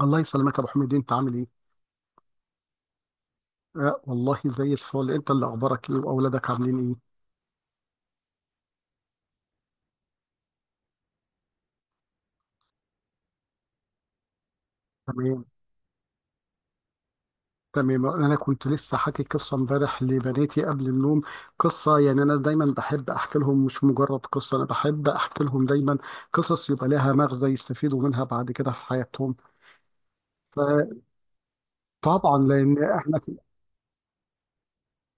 الله يسلمك يا ابو حميد، انت عامل ايه؟ آه والله زي الفل. انت اللي اخبارك ايه، واولادك عاملين ايه؟ تمام. تمام، انا كنت لسه حاكي قصه امبارح لبناتي قبل النوم. قصه، يعني انا دايما بحب احكي لهم مش مجرد قصه، انا بحب احكي لهم دايما قصص يبقى لها مغزى يستفيدوا منها بعد كده في حياتهم. فطبعا لان احنا،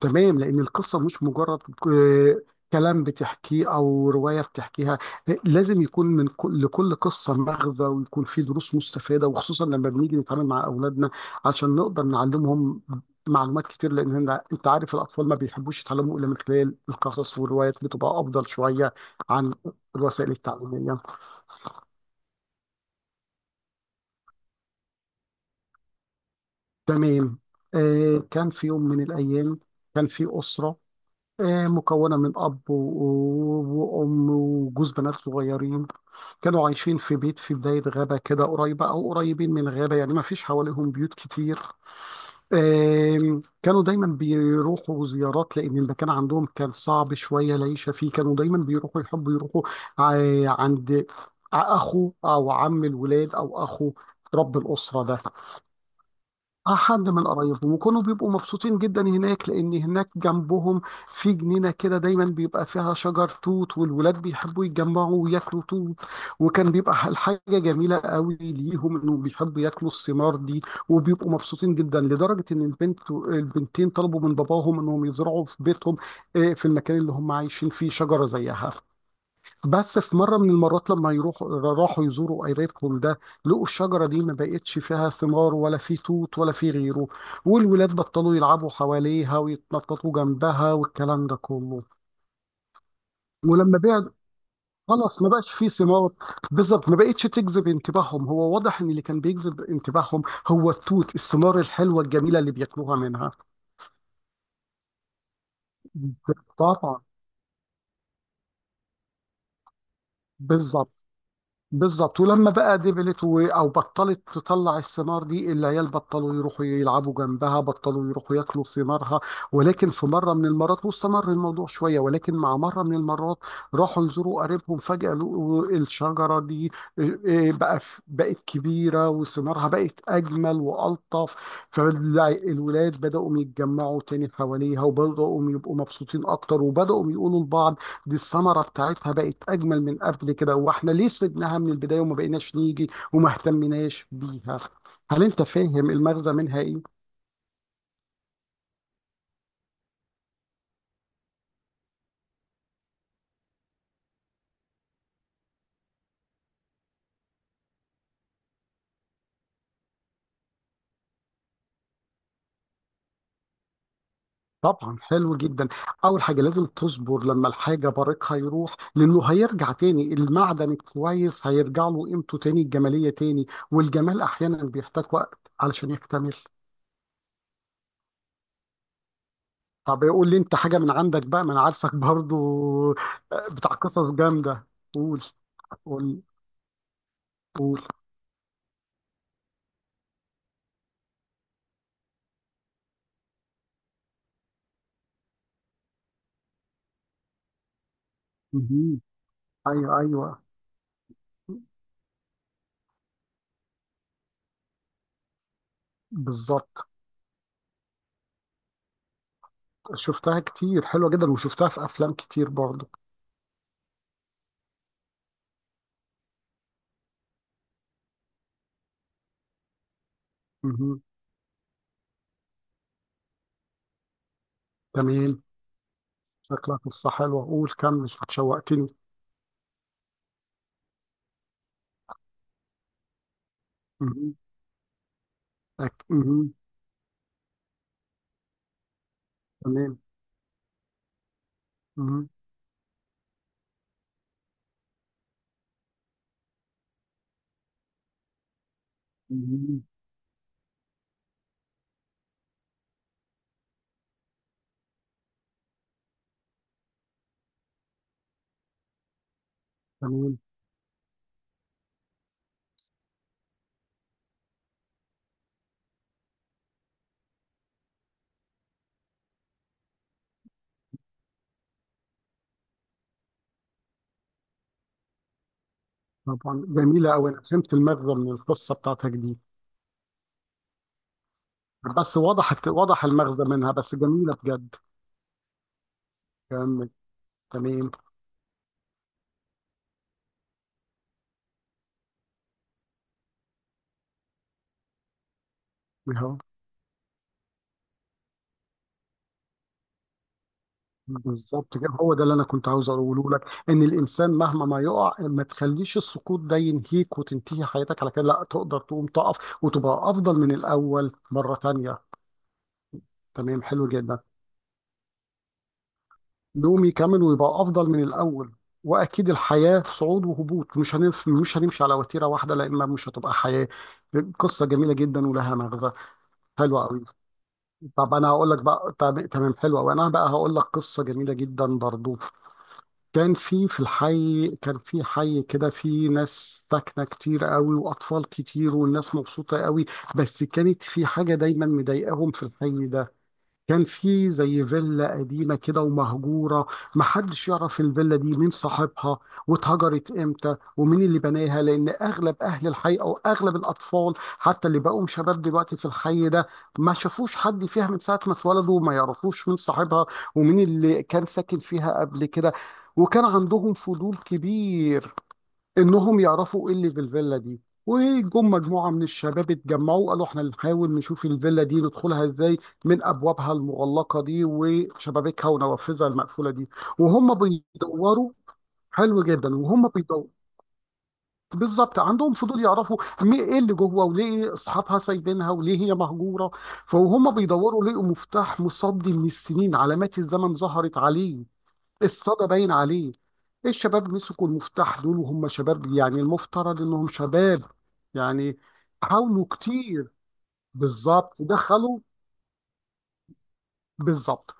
تمام، لأن القصة مش مجرد كلام بتحكيه أو رواية بتحكيها. لازم يكون من كل لكل قصة مغزى، ويكون فيه دروس مستفادة، وخصوصا لما بنيجي نتعامل مع أولادنا عشان نقدر نعلمهم معلومات كتير، لأن أنت عارف الأطفال ما بيحبوش يتعلموا إلا من خلال القصص، والروايات بتبقى أفضل شوية عن الوسائل التعليمية. تمام. آه، كان في يوم من الأيام كان في أسرة، مكونة من أب وأم وجوز بنات صغيرين. كانوا عايشين في بيت في بداية غابة كده، قريبة أو قريبين من غابة، يعني ما فيش حواليهم بيوت كتير. كانوا دايما بيروحوا زيارات لأن المكان عندهم كان صعب شوية العيشة فيه. كانوا دايما بيروحوا، يحبوا يروحوا عند أخو أو عم الولاد، أو أخو رب الأسرة ده. اه، حد من قرايبهم، وكانوا بيبقوا مبسوطين جدا هناك، لان هناك جنبهم في جنينه كده دايما بيبقى فيها شجر توت، والولاد بيحبوا يتجمعوا وياكلوا توت. وكان بيبقى الحاجه جميله قوي ليهم، انهم بيحبوا ياكلوا الثمار دي. وبيبقوا مبسوطين جدا لدرجه ان البنتين طلبوا من باباهم انهم يزرعوا في بيتهم، في المكان اللي هم عايشين فيه، شجره زيها. بس في مرة من المرات لما يروحوا، راحوا يزوروا قريبهم ده، لقوا الشجرة دي ما بقتش فيها ثمار، ولا في توت ولا في غيره. والولاد بطلوا يلعبوا حواليها، ويتنططوا جنبها، والكلام ده كله. ولما بعد، خلاص ما بقاش في ثمار. بالظبط، ما بقتش تجذب انتباههم. هو واضح ان اللي كان بيجذب انتباههم هو التوت، الثمار الحلوة الجميلة اللي بياكلوها منها. طبعا. بالظبط. بالظبط، ولما بقى دبلت او بطلت تطلع الثمار دي، العيال بطلوا يروحوا يلعبوا جنبها، بطلوا يروحوا ياكلوا ثمارها. ولكن في مره من المرات، واستمر الموضوع شويه، ولكن مع مره من المرات راحوا يزوروا قريبهم، فجاه لقوا الشجره دي، إيه، إيه، بقى بقت كبيره، وثمارها بقت اجمل والطف. فالولاد بداوا يتجمعوا تاني حواليها، وبداوا يبقوا مبسوطين اكتر، وبداوا يقولوا لبعض دي الثمره بتاعتها بقت اجمل من قبل كده، واحنا ليه سيبناها من البدايه وما بقيناش نيجي وما اهتمناش بيها. هل انت فاهم المغزى منها ايه؟ طبعا، حلو جدا. اول حاجه لازم تصبر لما الحاجه بريقها يروح، لانه هيرجع تاني، المعدن الكويس هيرجع له قيمته تاني، الجماليه تاني، والجمال احيانا بيحتاج وقت علشان يكتمل. طب يقول لي انت حاجه من عندك بقى، ما انا عارفك برضو بتاع قصص جامده. قول، قول، قول. مهم. ايوه، ايوه. بالظبط، شفتها كتير، حلوة جدا، وشفتها في أفلام كتير برضه. مهم. تمام. شكلها قصة حلوة، قول كمل شوقتني. مهم. مهم. تمام. مهم. مهم. تمام، طبعا جميلة أوي. أنا فهمت المغزى من القصة بتاعتك دي. بس وضحت، وضح المغزى منها، بس جميلة بجد. كمل. تمام. بالظبط كده، هو ده اللي انا كنت عاوز اقوله لك، ان الانسان مهما ما يقع، ما تخليش السقوط ده ينهيك وتنتهي حياتك على كده. لا، تقدر تقوم تقف وتبقى افضل من الاول مره تانية. تمام، حلو جدا. نقوم يكمل ويبقى افضل من الاول. واكيد الحياه في صعود وهبوط، مش هنمشي على وتيره واحده، لان مش هتبقى حياه. قصه جميله جدا ولها مغزى. حلوه قوي. طب انا هقول لك بقى، تمام، حلوه. وانا بقى هقول لك قصه جميله جدا برضو. كان في في الحي كان في حي كده في ناس ساكنة كتير قوي وأطفال كتير، والناس مبسوطة قوي. بس كانت في حاجة دايما مضايقاهم في الحي ده. كان في زي فيلا قديمة كده ومهجورة. محدش يعرف الفيلا دي مين صاحبها، واتهجرت امتى، ومين اللي بناها. لأن أغلب أهل الحي، أو أغلب الأطفال حتى اللي بقوا شباب دلوقتي في الحي ده، ما شافوش حد فيها من ساعة ما اتولدوا، وما يعرفوش مين صاحبها ومين اللي كان ساكن فيها قبل كده. وكان عندهم فضول كبير انهم يعرفوا ايه اللي في الفيلا دي. وجم مجموعه من الشباب اتجمعوا، قالوا احنا نحاول نشوف الفيلا دي ندخلها ازاي من ابوابها المغلقه دي وشبابيكها ونوافذها المقفوله دي. وهم بيدوروا. حلو جدا. وهم بيدوروا، بالظبط، عندهم فضول يعرفوا ايه اللي جوه، وليه اصحابها سايبينها وليه هي مهجوره. فهم بيدوروا، لقوا مفتاح مصدي من السنين، علامات الزمن ظهرت عليه، الصدى باين عليه. الشباب مسكوا المفتاح دول، وهم شباب يعني المفترض انهم شباب يعني، حاولوا كتير. بالظبط. دخلوا. بالظبط،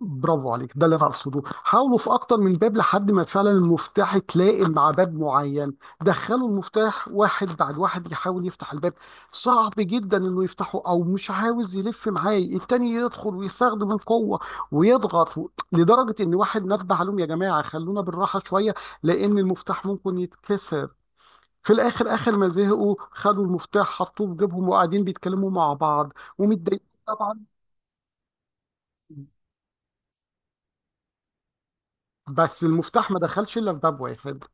برافو عليك، ده اللي انا اقصده. حاولوا في اكتر من باب لحد ما فعلا المفتاح يتلائم مع باب معين. دخلوا المفتاح واحد بعد واحد يحاول يفتح الباب. صعب جدا انه يفتحه، او مش عاوز يلف. معايا التاني يدخل ويستخدم القوه ويضغط لدرجه ان واحد نبه عليهم يا جماعه خلونا بالراحه شويه، لان المفتاح ممكن يتكسر. في الاخر، اخر ما زهقوا، خدوا المفتاح حطوه في جيبهم وقاعدين بيتكلموا مع بعض ومتضايقين طبعا. بس المفتاح ما دخلش الا في باب واحد،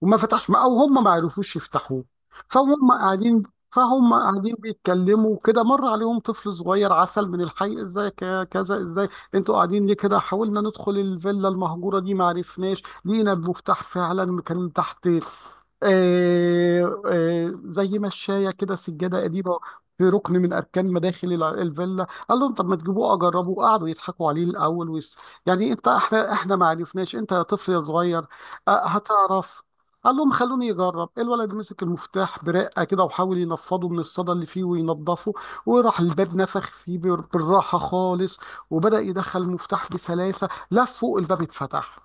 وما فتحش، او هم ما عرفوش يفتحوه. فهم قاعدين فهم قاعدين بيتكلموا كده، مر عليهم طفل صغير عسل من الحي، ازاي كذا، ازاي انتوا قاعدين ليه كده؟ حاولنا ندخل الفيلا المهجوره دي ما عرفناش. لقينا المفتاح فعلا كان تحت زي مشاية كده، سجادة قديمة في ركن من أركان مداخل الفيلا. قال لهم طب ما تجيبوه أجربه. قعدوا يضحكوا عليه الأول، يعني أنت، إحنا ما عرفناش، أنت يا طفل يا صغير هتعرف؟ قال لهم خلوني يجرب. الولد مسك المفتاح برقة كده، وحاول ينفضه من الصدى اللي فيه وينضفه، وراح الباب نفخ فيه بالراحة خالص، وبدأ يدخل المفتاح بسلاسة، لف فوق، الباب اتفتح.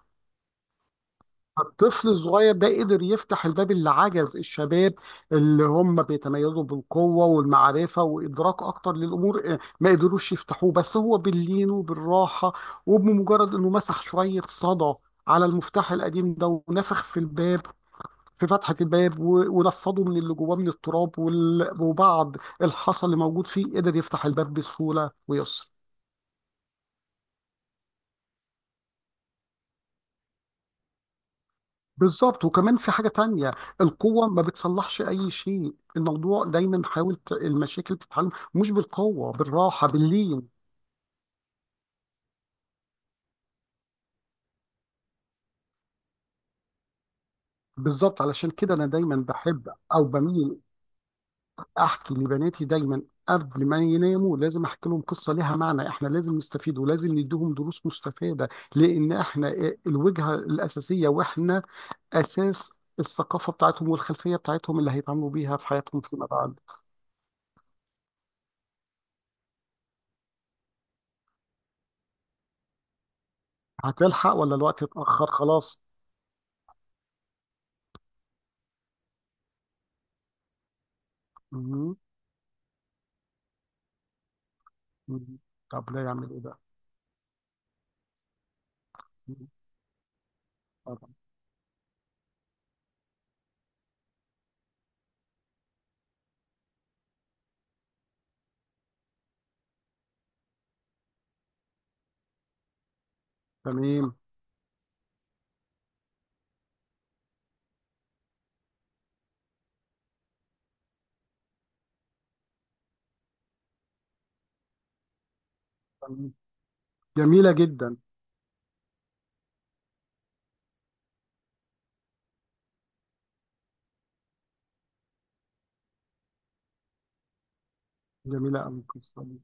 الطفل الصغير ده قدر يفتح الباب اللي عجز الشباب، اللي هم بيتميزوا بالقوة والمعرفة وإدراك أكتر للأمور، ما قدروش يفتحوه، بس هو باللين وبالراحة. وبمجرد إنه مسح شوية صدى على المفتاح القديم ده ونفخ في الباب، في فتحة الباب ونفضه من اللي جواه من التراب وبعض الحصى اللي موجود فيه، قدر يفتح الباب بسهولة ويسر. بالظبط، وكمان في حاجة تانية. القوة ما بتصلحش أي شيء. الموضوع دايما حاول المشاكل تتحل مش بالقوة، بالراحة باللين. بالظبط، علشان كده أنا دايما بحب أو بميل أحكي لبناتي دايما. قبل ما يناموا لازم أحكي لهم قصة لها معنى. إحنا لازم نستفيد، ولازم نديهم دروس مستفادة، لأن إحنا الوجهة الأساسية، وإحنا أساس الثقافة بتاعتهم والخلفية بتاعتهم اللي هيتعاملوا بيها في حياتهم فيما بعد. هتلحق ولا الوقت اتأخر خلاص؟ مهم. مم. طب لا، يعمل ايه بقى؟ مم. طبعا. تمام. تمام. جميلة جدا. جميلة أوي القصة دي.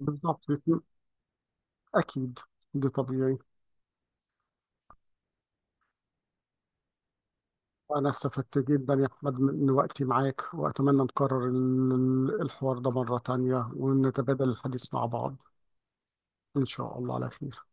بالظبط، أكيد، ده طبيعي. أنا استفدت جدا يا أحمد من وقتي معاك، وأتمنى نكرر الحوار ده مرة تانية ونتبادل الحديث مع بعض إن شاء الله على خير.